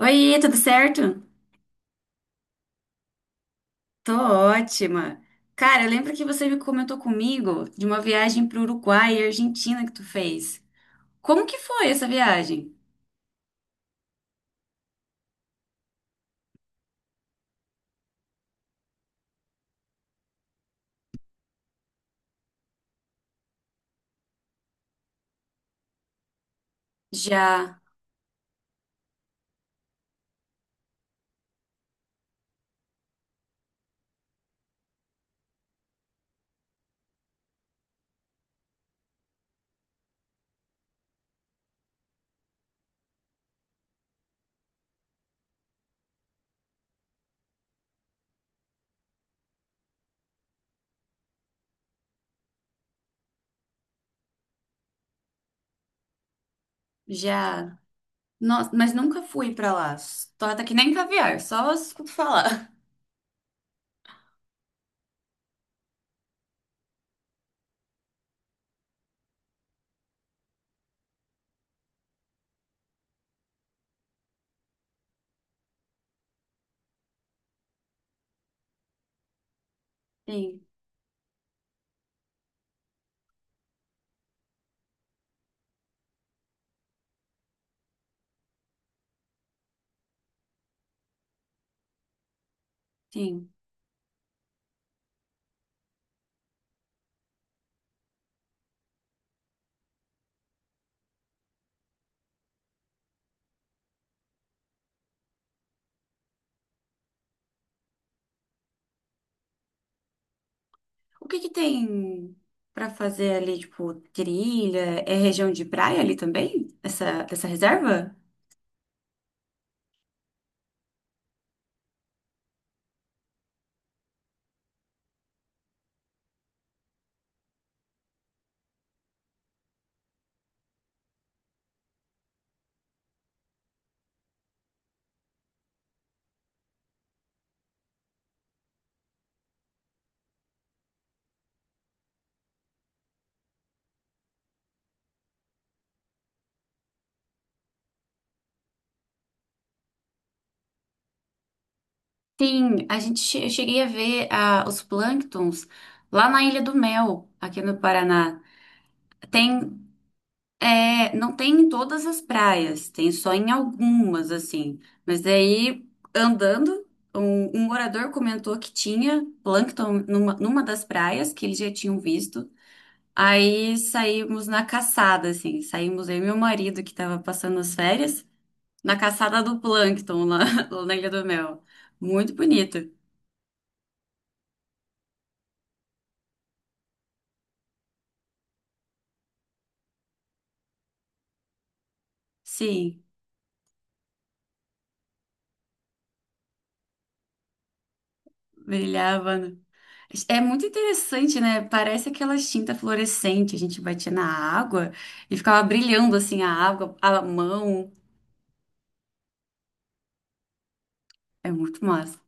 Oi, tudo certo? Tô ótima. Cara, lembra que você me comentou comigo de uma viagem pro Uruguai e Argentina que tu fez? Como que foi essa viagem? Já, já. Nossa, mas nunca fui pra lá. Torta que nem caviar, só escuto falar. Sim, sim. O que que tem pra fazer ali, tipo, trilha? É região de praia ali também? Essa reserva? Sim, eu cheguei a ver os plânctons lá na Ilha do Mel, aqui no Paraná. Tem, não tem em todas as praias, tem só em algumas, assim. Mas daí, andando, um morador comentou que tinha plâncton numa das praias que eles já tinham visto. Aí saímos na caçada, assim, saímos eu e meu marido, que estava passando as férias, na caçada do plâncton lá, lá na Ilha do Mel. Muito bonito, sim. Brilhava, né? É muito interessante, né? Parece aquela tinta fluorescente. A gente batia na água e ficava brilhando assim a água, a mão. É muito massa.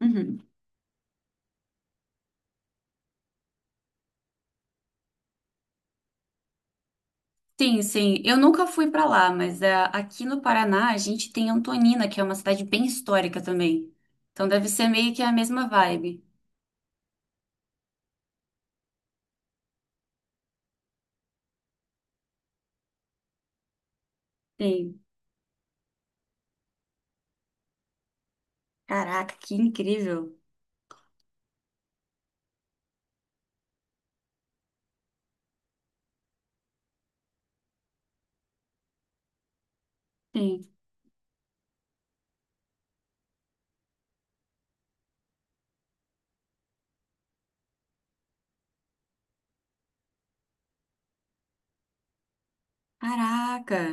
Uhum. Sim, sim. Eu nunca fui pra lá, mas é, aqui no Paraná a gente tem Antonina, que é uma cidade bem histórica também. Então deve ser meio que a mesma vibe. Sim. Caraca, que incrível. Sim. Caraca.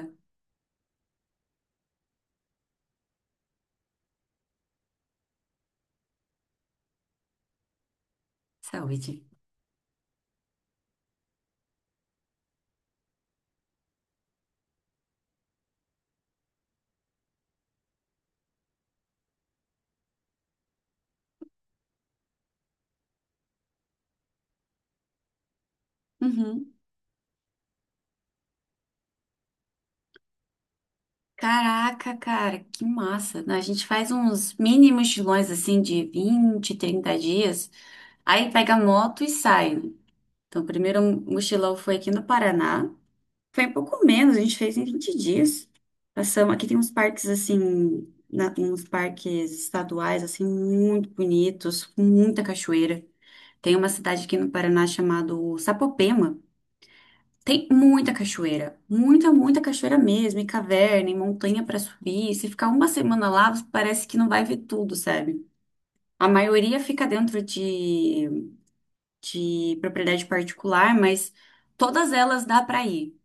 Saúde. Uhum. Caraca, cara, que massa, né? A gente faz uns mini mochilões assim de 20, 30 dias, aí pega a moto e sai, né? Então, o primeiro mochilão foi aqui no Paraná. Foi um pouco menos, a gente fez em 20 dias. Passamos, aqui tem uns parques assim, uns parques estaduais assim muito bonitos, com muita cachoeira. Tem uma cidade aqui no Paraná chamada Sapopema. Tem muita cachoeira, muita, muita cachoeira mesmo, e caverna, e montanha para subir. Se ficar uma semana lá, parece que não vai ver tudo, sabe? A maioria fica dentro de propriedade particular, mas todas elas dá para ir,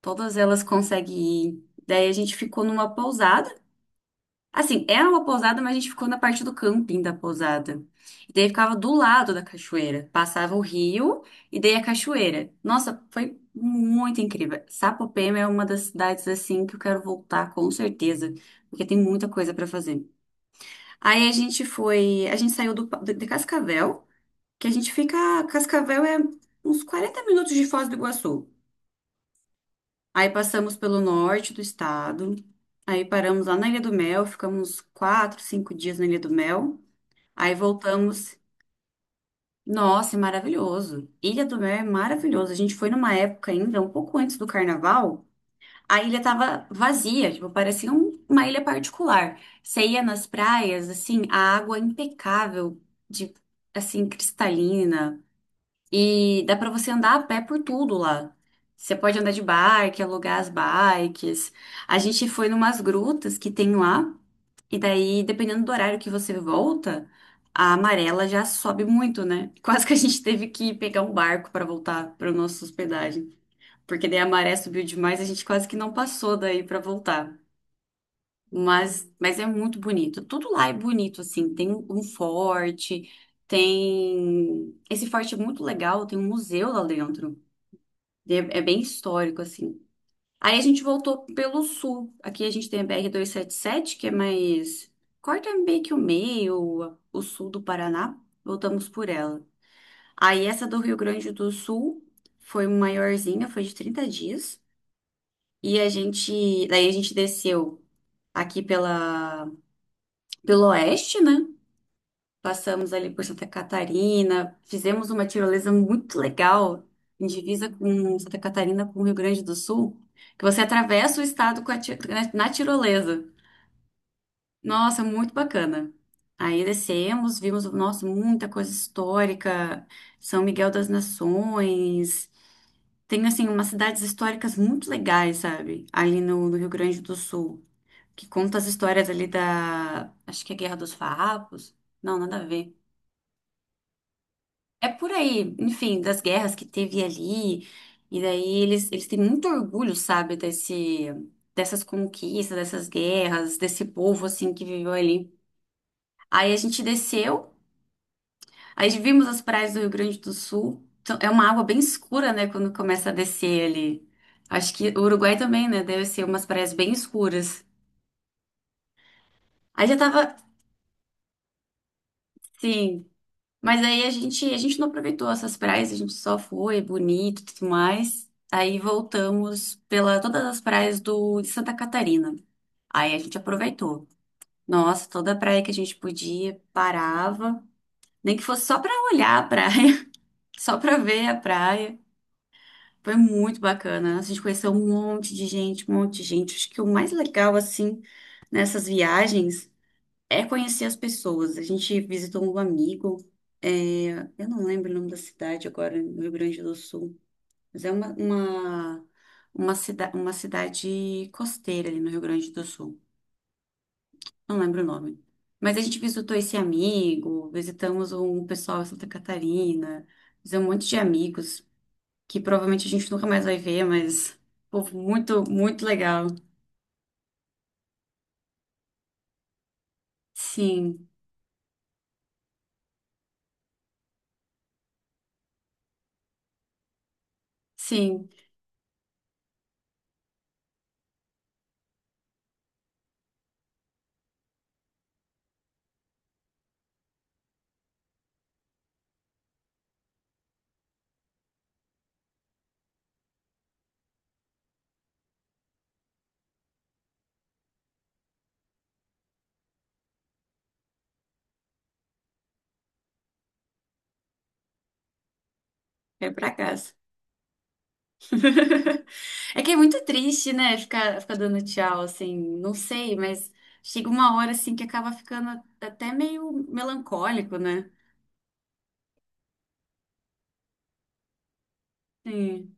todas elas conseguem ir. Daí a gente ficou numa pousada. Assim, era uma pousada, mas a gente ficou na parte do camping da pousada. E daí ficava do lado da cachoeira. Passava o rio e daí a cachoeira. Nossa, foi muito incrível. Sapopema é uma das cidades assim que eu quero voltar com certeza, porque tem muita coisa pra fazer. Aí a gente foi, a gente saiu de Cascavel, que a gente fica, Cascavel é uns 40 minutos de Foz do Iguaçu. Aí passamos pelo norte do estado. Aí paramos lá na Ilha do Mel, ficamos 4, 5 dias na Ilha do Mel. Aí voltamos. Nossa, é maravilhoso. Ilha do Mel é maravilhoso. A gente foi numa época ainda, um pouco antes do carnaval, a ilha tava vazia, tipo, parecia uma ilha particular. Você ia nas praias, assim, a água é impecável, de, assim, cristalina. E dá pra você andar a pé por tudo lá. Você pode andar de bike, alugar as bikes. A gente foi numas grutas que tem lá, e daí, dependendo do horário que você volta, a amarela já sobe muito, né? Quase que a gente teve que pegar um barco pra voltar para nossa hospedagem, porque daí a maré subiu demais, a gente quase que não passou daí pra voltar. Mas é muito bonito. Tudo lá é bonito, assim. Tem um forte, tem. Esse forte é muito legal, tem um museu lá dentro. É, é bem histórico, assim. Aí a gente voltou pelo sul. Aqui a gente tem a BR-277, que é mais. Corta meio que o meio, o sul do Paraná. Voltamos por ela. Aí essa do Rio Grande do Sul foi maiorzinha, foi de 30 dias. E a gente. Daí a gente desceu aqui pela, pelo oeste, né? Passamos ali por Santa Catarina, fizemos uma tirolesa muito legal, em divisa com Santa Catarina, com o Rio Grande do Sul, que você atravessa o estado com a ti- na na tirolesa. Nossa, muito bacana. Aí descemos, vimos, nossa, muita coisa histórica, São Miguel das Nações. Tem, assim, umas cidades históricas muito legais, sabe? Ali no, no Rio Grande do Sul, que conta as histórias ali da, acho que é Guerra dos Farrapos. Não, nada a ver. É por aí, enfim, das guerras que teve ali. E daí eles têm muito orgulho, sabe, dessas conquistas, dessas guerras, desse povo, assim, que viveu ali. Aí a gente desceu, aí vimos as praias do Rio Grande do Sul. Então, é uma água bem escura, né, quando começa a descer ali. Acho que o Uruguai também, né, deve ser umas praias bem escuras. Aí já tava, sim. Mas aí a gente não aproveitou essas praias, a gente só foi, é bonito e tudo mais. Aí voltamos pela todas as praias do, de Santa Catarina. Aí a gente aproveitou. Nossa, toda praia que a gente podia, parava. Nem que fosse só pra olhar a praia, só pra ver a praia. Foi muito bacana. A gente conheceu um monte de gente, um monte de gente. Acho que o mais legal, assim, nessas viagens. É conhecer as pessoas. A gente visitou um amigo, é, eu não lembro o nome da cidade agora, no Rio Grande do Sul, mas é uma cidade costeira ali no Rio Grande do Sul. Não lembro o nome. Mas a gente visitou esse amigo, visitamos um pessoal em Santa Catarina, fizemos um monte de amigos que provavelmente a gente nunca mais vai ver, mas povo muito, muito legal. Sim, sim, é pra cá. É que é muito triste, né? Ficar dando tchau, assim, não sei, mas chega uma hora, assim, que acaba ficando até meio melancólico, né? Sim,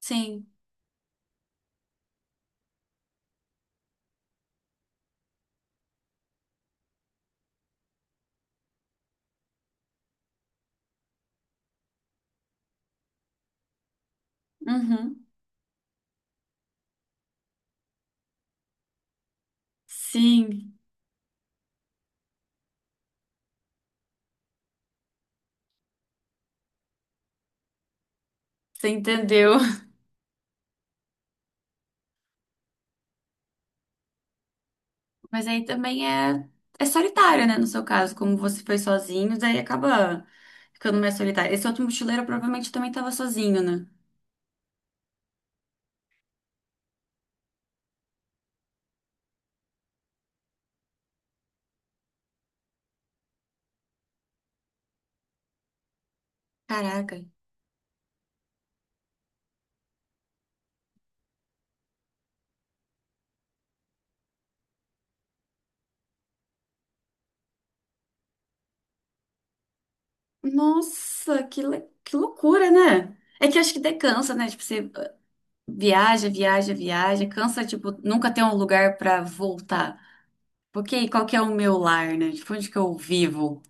sim, uhum, sim, você entendeu. Mas aí também é solitário, né? No seu caso, como você foi sozinho, daí acaba ficando mais solitário. Esse outro mochileiro provavelmente também estava sozinho, né? Caraca. Nossa, que loucura, né? É que eu acho que daí cansa, né? Tipo, você viaja, viaja, viaja, cansa, tipo, nunca ter um lugar pra voltar. Porque qual que é o meu lar, né? Tipo, onde que eu vivo?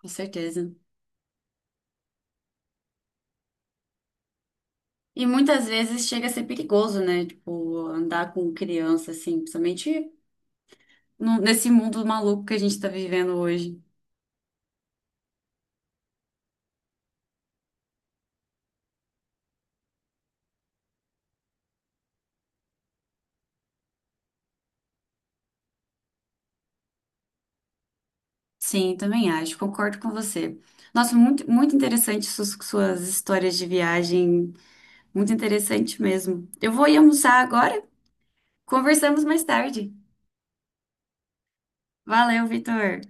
Com certeza. E muitas vezes chega a ser perigoso, né? Tipo, andar com criança, assim, principalmente nesse mundo maluco que a gente tá vivendo hoje. Sim, também acho, concordo com você. Nossa, muito, muito interessante suas histórias de viagem, muito interessante mesmo. Eu vou ir almoçar agora, conversamos mais tarde. Valeu, Vitor.